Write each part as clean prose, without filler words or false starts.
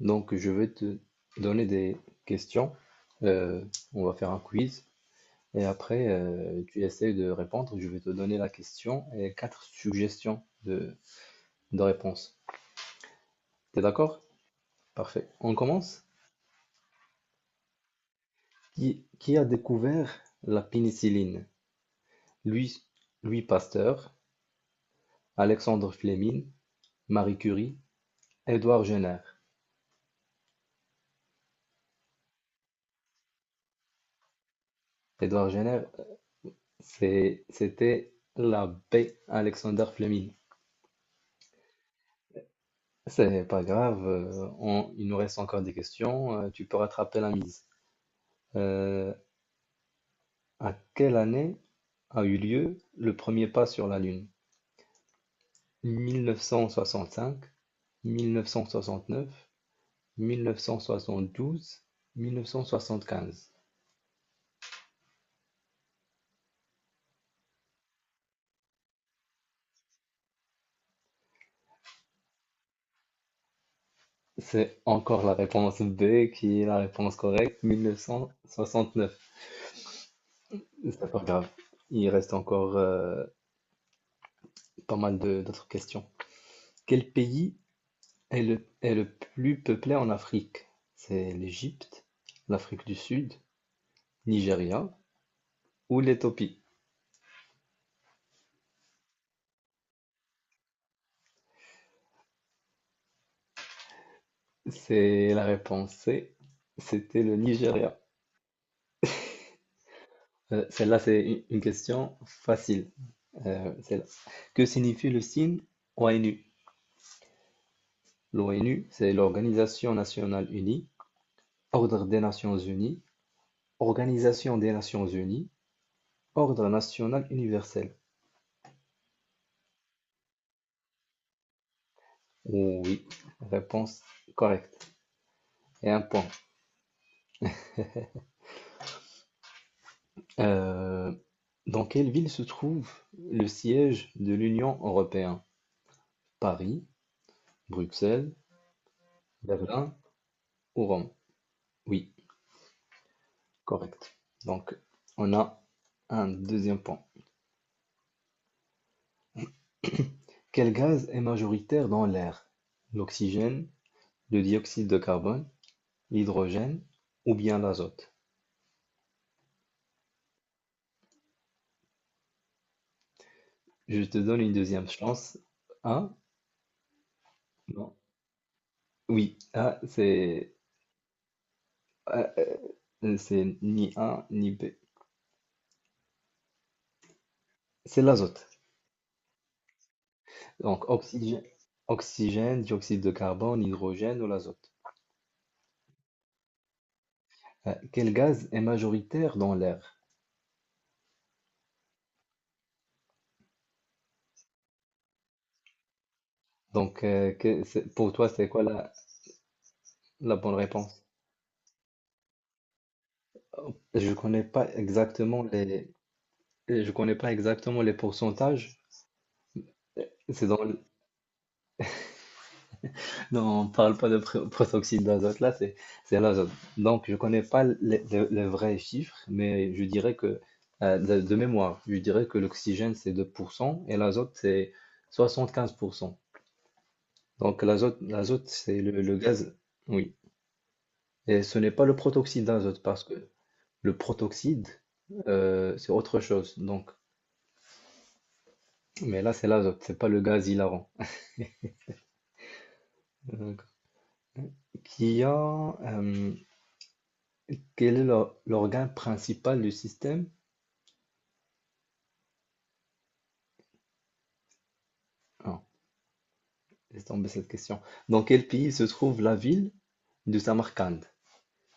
Donc, je vais te donner des questions. Euh, on va faire un quiz. Et après, tu essayes de répondre. Je vais te donner la question et quatre suggestions de réponse. T'es d'accord? Parfait. On commence. Qui a découvert la pénicilline? Louis, Louis Pasteur, Alexandre Fleming, Marie Curie, Édouard Jenner. Édouard Jenner, c'était l'abbé Alexander Fleming. C'est pas grave, il nous reste encore des questions, tu peux rattraper la mise. Euh, à quelle année a eu lieu le premier pas sur la Lune? 1965, 1969, 1972, 1975. C'est encore la réponse B qui est la réponse correcte, 1969. C'est pas grave, il reste encore pas mal d'autres questions. Quel pays est le plus peuplé en Afrique? C'est l'Égypte, l'Afrique du Sud, Nigeria ou l'Éthiopie? C'est la réponse C, c'était le Nigeria. Celle-là, c'est une question facile. Celle-là. Que signifie le signe ONU? L'ONU, c'est l'Organisation nationale unie, Ordre des Nations unies, Organisation des Nations unies, Ordre national universel. Oh oui, réponse correcte. Et un point. Euh, dans quelle ville se trouve le siège de l'Union européenne? Paris, Bruxelles, Berlin ou Rome? Oui, correct. Donc, on a un deuxième point. Quel gaz est majoritaire dans l'air? L'oxygène, le dioxyde de carbone, l'hydrogène ou bien l'azote? Je te donne une deuxième chance. A? Non. Oui, A, c'est ni A ni B. C'est l'azote. Donc, oxygène, dioxyde de carbone, hydrogène ou l'azote. Quel gaz est majoritaire dans l'air? Donc, pour toi, c'est quoi la bonne réponse? Je connais pas exactement les pourcentages. C'est dans le- non, on parle pas de protoxyde d'azote là. C'est l'azote. Donc je connais pas les vrais chiffres, mais je dirais que de mémoire, je dirais que l'oxygène c'est 2% et l'azote c'est 75%. Donc l'azote, c'est le gaz, oui. Et ce n'est pas le protoxyde d'azote parce que le protoxyde, c'est autre chose. Donc, mais là, c'est l'azote, c'est pas le gaz hilarant. Euh, qui a, euh, quel est l'organe principal du système? Ah, laisse tomber cette question. Dans quel pays se trouve la ville de Samarcande?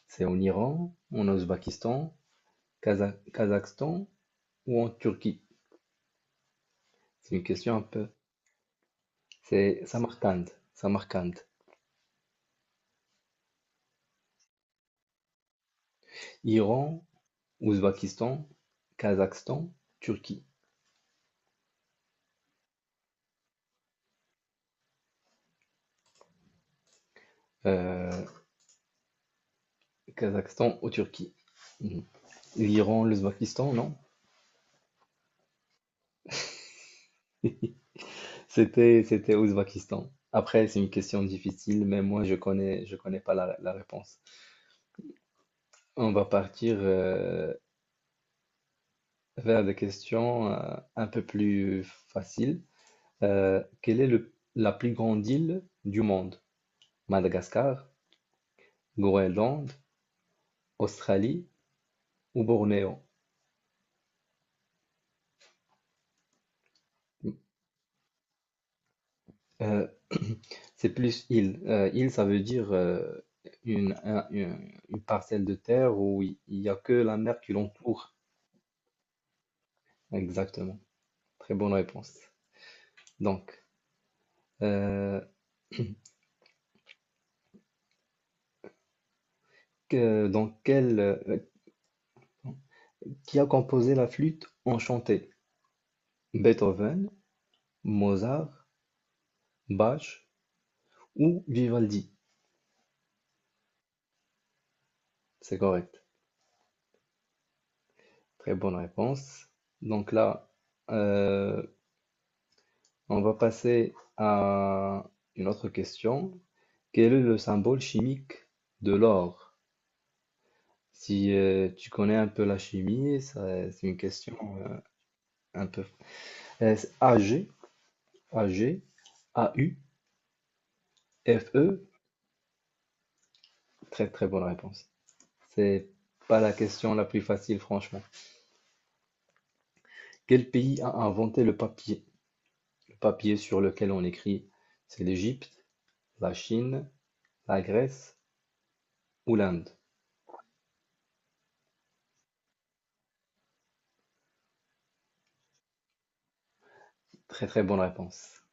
C'est en Iran, en Ouzbékistan, Kazakhstan ou en Turquie? C'est une question un peu. C'est Samarcande, Samarcande. Iran, Ouzbakistan, Kazakhstan, Turquie. Heu, Kazakhstan ou Turquie. Mmh. L'Iran, l'Ouzbakistan, non? C'était Ouzbakistan. Après, c'est une question difficile, mais moi je connais pas la réponse. On va partir, vers des questions, un peu plus faciles. Quelle est le la plus grande île du monde? Madagascar, Groenland, Australie ou Bornéo? Mmh, c'est plus île. Île, ça veut dire une parcelle de terre où il n'y a que la mer qui l'entoure. Exactement. Très bonne réponse. Donc, euh, que- dans quel, euh, qui a composé la flûte enchantée? Beethoven, Mozart, Bach ou Vivaldi? C'est correct. Très bonne réponse. Donc là, euh, on va passer à une autre question. Quel est le symbole chimique de l'or? Si tu connais un peu la chimie, c'est une question euh, un peu. C'est AG, AG, AU, FE. Très très bonne réponse. C'est pas la question la plus facile, franchement. Quel pays a inventé le papier? Le papier sur lequel on écrit, c'est l'Égypte, la Chine, la Grèce ou l'Inde? Très très bonne réponse.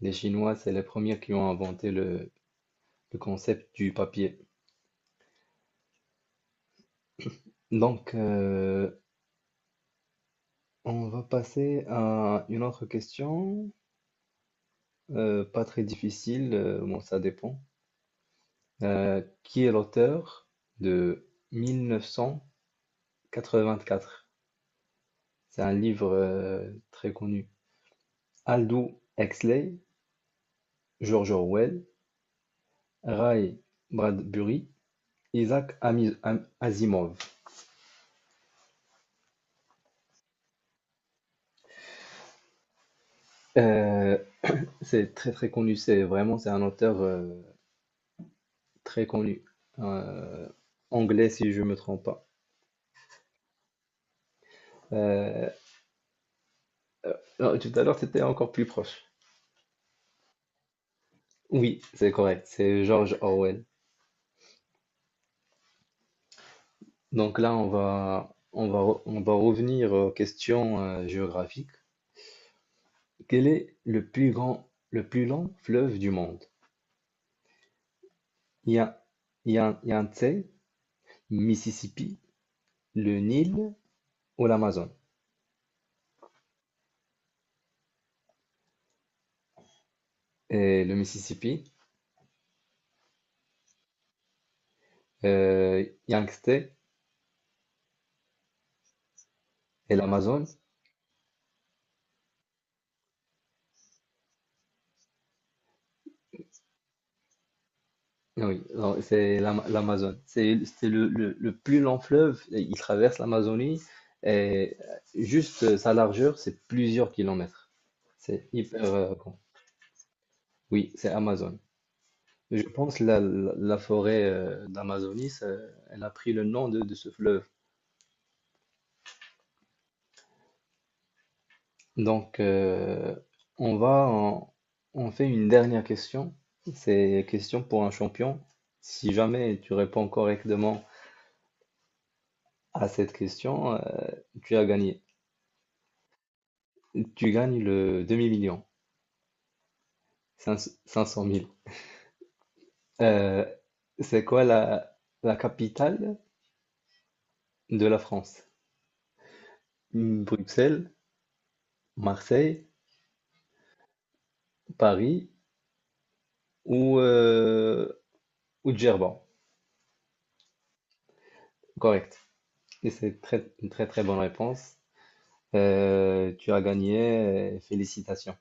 Les Chinois, c'est les premiers qui ont inventé le concept du papier. Donc, on va passer à une autre question, pas très difficile, bon, ça dépend. Qui est l'auteur de 1984? C'est un livre très connu. Aldous Huxley, George Orwell, Ray Bradbury, Isaac Asimov. Euh, c'est très très connu, c'est un auteur très connu, euh, anglais si je me trompe pas. Euh, Euh, non, tout à l'heure, c'était encore plus proche. Oui, c'est correct. C'est George Orwell. Donc là, on va revenir aux questions géographiques. Quel est le plus long fleuve du monde? Il y a, il y a un Yangtze, Mississippi, le Nil ou l'Amazone? Et le Mississippi, Yangtze et l'Amazone. Oui, non, c'est l'Amazon. C'est le plus long fleuve, et il traverse l'Amazonie et juste sa largeur, c'est plusieurs kilomètres. C'est hyper grand. Oui, c'est Amazon. Je pense la forêt d'Amazonie, elle a pris le nom de ce fleuve. Donc, on va en- on fait une dernière question. C'est question pour un champion. Si jamais tu réponds correctement à cette question, tu as gagné. Tu gagnes le demi-million, 500 000. Euh, c'est quoi la capitale de la France? Hmm, Bruxelles, Marseille, Paris ou, ou Djerba? Correct. Et c'est une très très bonne réponse. Tu as gagné, félicitations.